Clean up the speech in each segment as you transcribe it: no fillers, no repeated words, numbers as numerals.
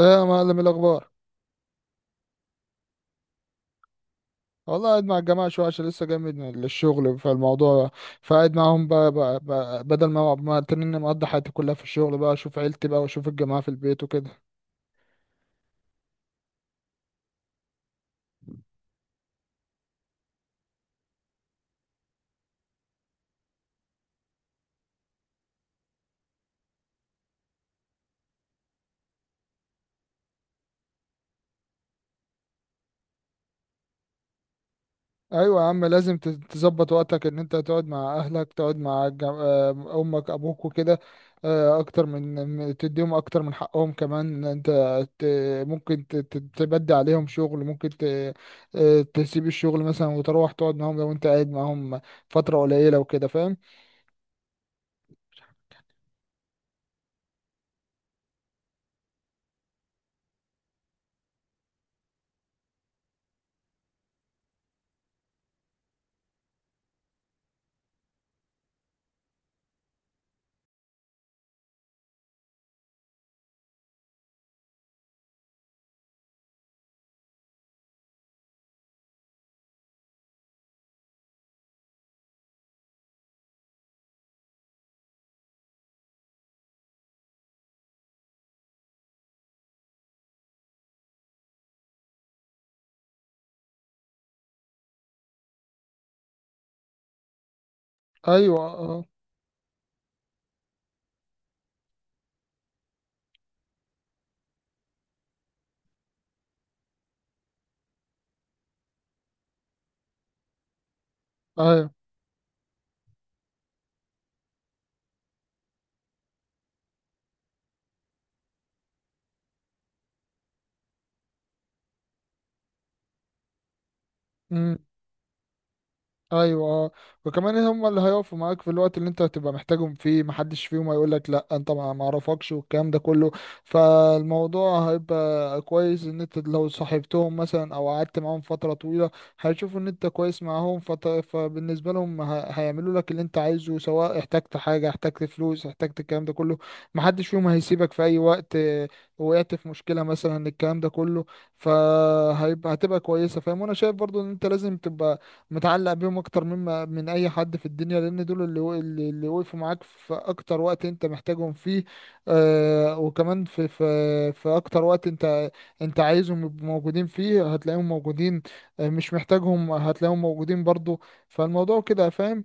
ايه يا معلم، الاخبار؟ والله قاعد مع الجماعه شويه عشان لسه جاي من الشغل، فالموضوع فقاعد معاهم بقى بدل ما تنين مقضي حياتي كلها في الشغل، بقى اشوف عيلتي بقى واشوف الجماعه في البيت وكده. ايوه يا عم، لازم تظبط وقتك ان انت تقعد مع اهلك، تقعد مع امك ابوك وكده. اكتر تديهم اكتر من حقهم كمان انت. تبدي عليهم شغل، ممكن ت- آه، تسيب الشغل مثلا وتروح تقعد معاهم، لو انت قاعد معاهم فتره قليله وكده فاهم. ايوه اه. ايوه. مم. ايوه اه. وكمان هم اللي هيقفوا معاك في الوقت اللي انت هتبقى محتاجهم فيه، محدش فيهم هيقول لك لا، انت ما اعرفكش والكلام ده كله. فالموضوع هيبقى كويس ان انت لو صاحبتهم مثلا او قعدت معاهم فترة طويلة، هيشوفوا ان انت كويس معاهم. فبالنسبة لهم هيعملوا لك اللي انت عايزه، سواء احتجت حاجة احتجت فلوس احتجت الكلام ده كله. محدش فيهم هيسيبك في اي وقت. وقعت في مشكلة مثلا الكلام ده كله، فهيبقى هتبقى كويسة فاهم. وانا شايف برضو ان انت لازم تبقى متعلق بيهم اكتر مما من اي حد في الدنيا، لان دول اللي و- اللي اللي وقفوا معاك في اكتر وقت انت محتاجهم فيه. آه وكمان في في اكتر وقت انت عايزهم يبقوا موجودين فيه هتلاقيهم موجودين. آه مش محتاجهم هتلاقيهم موجودين برضو. فالموضوع كده فاهم.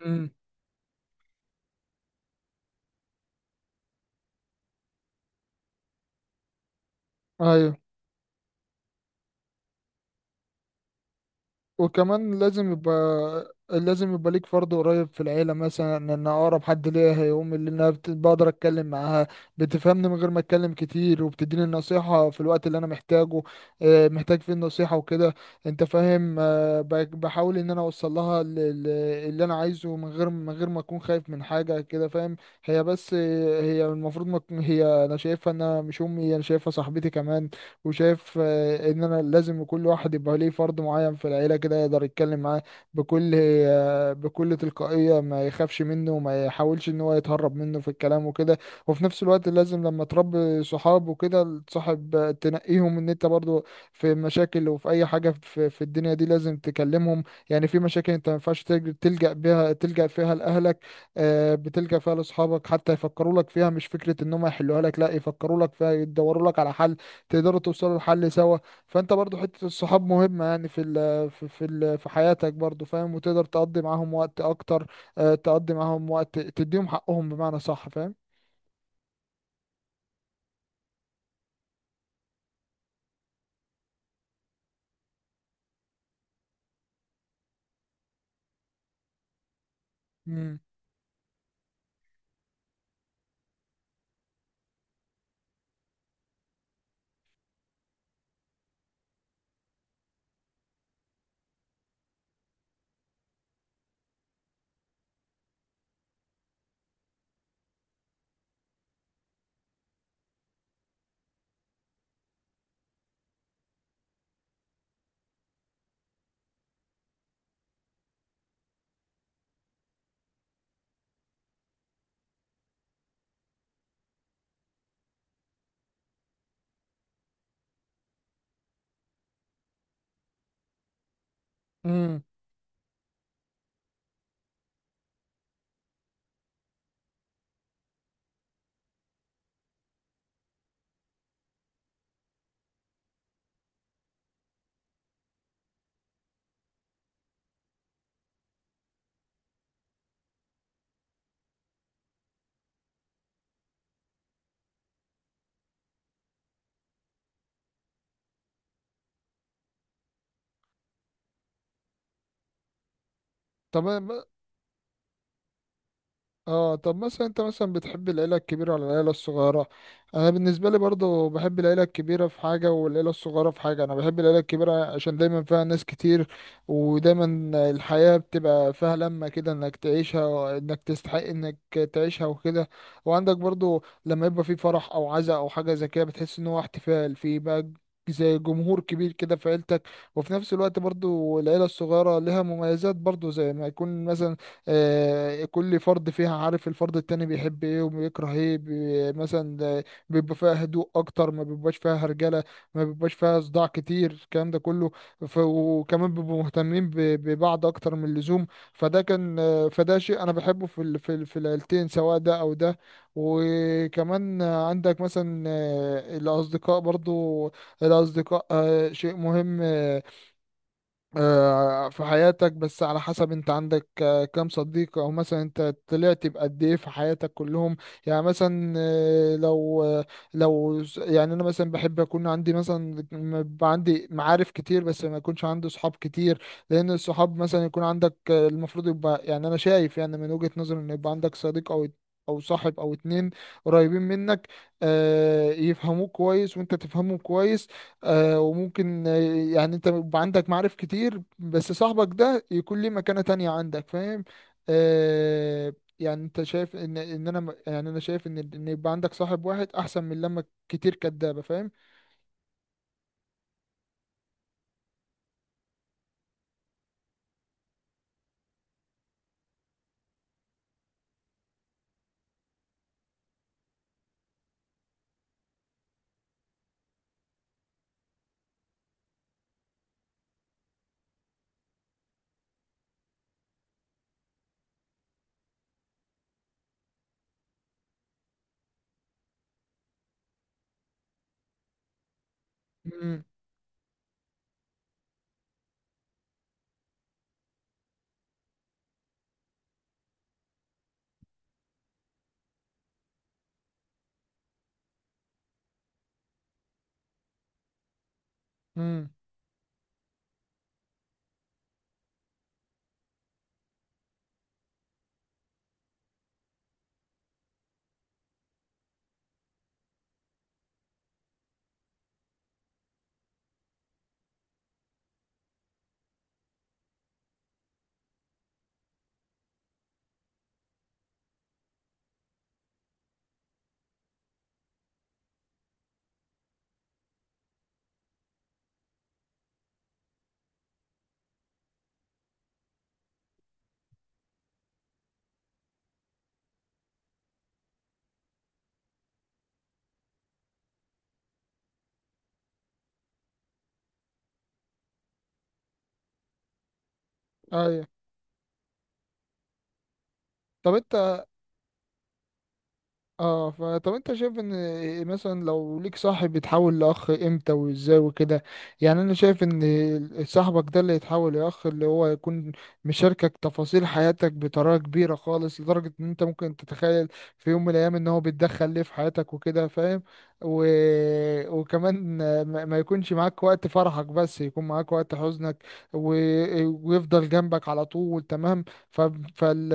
امم. ايوه. وكمان لازم يبقى، لازم يبقى ليك فرد قريب في العيلة، مثلا ان اقرب حد ليا هي امي، اللي انا بقدر اتكلم معاها. بتفهمني من غير ما اتكلم كتير، وبتديني النصيحة في الوقت اللي انا محتاجه، محتاج فيه النصيحة وكده. انت فاهم. بحاول ان انا اوصل لها اللي انا عايزه، من غير ما اكون خايف من حاجة كده فاهم. هي بس، آه، هي المفروض ما تكون- هي انا شايفها انها مش امي، انا شايفها صاحبتي كمان. وشايف ان انا لازم كل واحد يبقى ليه فرد معين في العيله كده يقدر يتكلم معاه بكل بكل تلقائيه، ما يخافش منه وما يحاولش ان هو يتهرب منه في الكلام وكده. وفي نفس الوقت لازم لما تربي صحاب وكده تصاحب، تنقيهم ان انت برضو في مشاكل وفي اي حاجه في الدنيا دي لازم تكلمهم. يعني في مشاكل انت ما ينفعش تلجأ بيها، تلجأ فيها لاهلك، بتلجأ فيها لاصحابك حتى يفكروا لك فيها، مش فكره ان هم يحلوها لك، لا يفكروا لك فيها يدوروا لك على حل، تقدروا توصلوا لحل سوا. فانت برضو حتة الصحاب مهمة، يعني في ال في حياتك برضو فاهم، وتقدر تقضي معاهم وقت اكتر، تقضي معاهم وقت تديهم حقهم بمعنى صح فاهم. امم. امم. طب. اه، طب مثلا انت مثلا بتحب العيلة الكبيرة ولا العيلة الصغيرة؟ انا بالنسبة لي برضو بحب العيلة الكبيرة في حاجة، والعيلة الصغيرة في حاجة. انا بحب العيلة الكبيرة عشان دايما فيها ناس كتير، ودايما الحياة بتبقى فيها لمة كده، انك تعيشها وانك تستحق انك تعيشها وكده. وعندك برضو لما يبقى في فرح او عزاء او حاجة زي كده، بتحس ان هو احتفال في بقى، زي جمهور كبير كده في عيلتك. وفي نفس الوقت برضو العيلة الصغيرة لها مميزات برضو، زي ما يكون مثلا كل فرد فيها عارف الفرد التاني بيحب ايه وبيكره ايه، مثلا ده بيبقى فيها هدوء اكتر، ما بيبقاش فيها هرجله، ما بيبقاش فيها صداع كتير الكلام ده كله. وكمان بيبقوا مهتمين ببعض اكتر من اللزوم. فده كان، فده شيء انا بحبه في العيلتين، سواء ده او ده. وكمان عندك مثلا الاصدقاء برضو. الأصدقاء شيء مهم، في حياتك، بس على حسب انت عندك كام صديق، او مثلا انت طلعت بقد ايه في حياتك كلهم. يعني مثلا، يعني انا مثلا بحب اكون عندي مثلا، يبقى عندي معارف كتير بس ما يكونش عندي صحاب كتير. لان الصحاب مثلا يكون عندك، المفروض يبقى، يعني انا شايف، يعني من وجهة نظري، ان يبقى عندك صديق او، او صاحب او اتنين قريبين منك، يفهموك كويس وانت تفهمهم كويس. آه وممكن، يعني انت بيبقى عندك معارف كتير بس صاحبك ده يكون ليه مكانة تانية عندك فاهم. آه، يعني انت شايف ان يعني انا شايف ان يبقى عندك صاحب واحد احسن من لما كتير كدابة فاهم. امم. امم. ايوه. طب انت. اه، فطب انت شايف ان مثلا لو ليك صاحب يتحول لاخ امتى وازاي وكده؟ يعني انا شايف ان صاحبك ده اللي يتحول لاخ، اللي هو يكون مشاركك تفاصيل حياتك بطريقه كبيره خالص، لدرجه ان انت ممكن تتخيل في يوم من الايام ان هو بيتدخل ليه في حياتك وكده فاهم. و... وكمان ما يكونش معاك وقت فرحك بس يكون معاك وقت حزنك، و... ويفضل جنبك على طول تمام. ف... فال...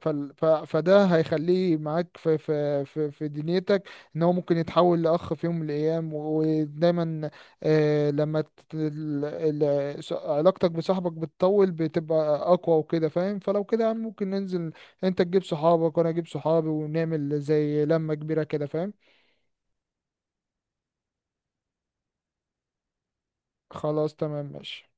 فال... ف... فده هيخليه معاك في دنيتك، ان هو ممكن يتحول لاخ في يوم من الايام. ودايما آه لما ت... ال... ال... ص- علاقتك بصاحبك بتطول بتبقى اقوى وكده فاهم. فلو كده يا عم ممكن ننزل، انت تجيب صحابك وانا اجيب صحابي، ونعمل زي لمة كبيرة كده فاهم. خلاص تمام ماشي.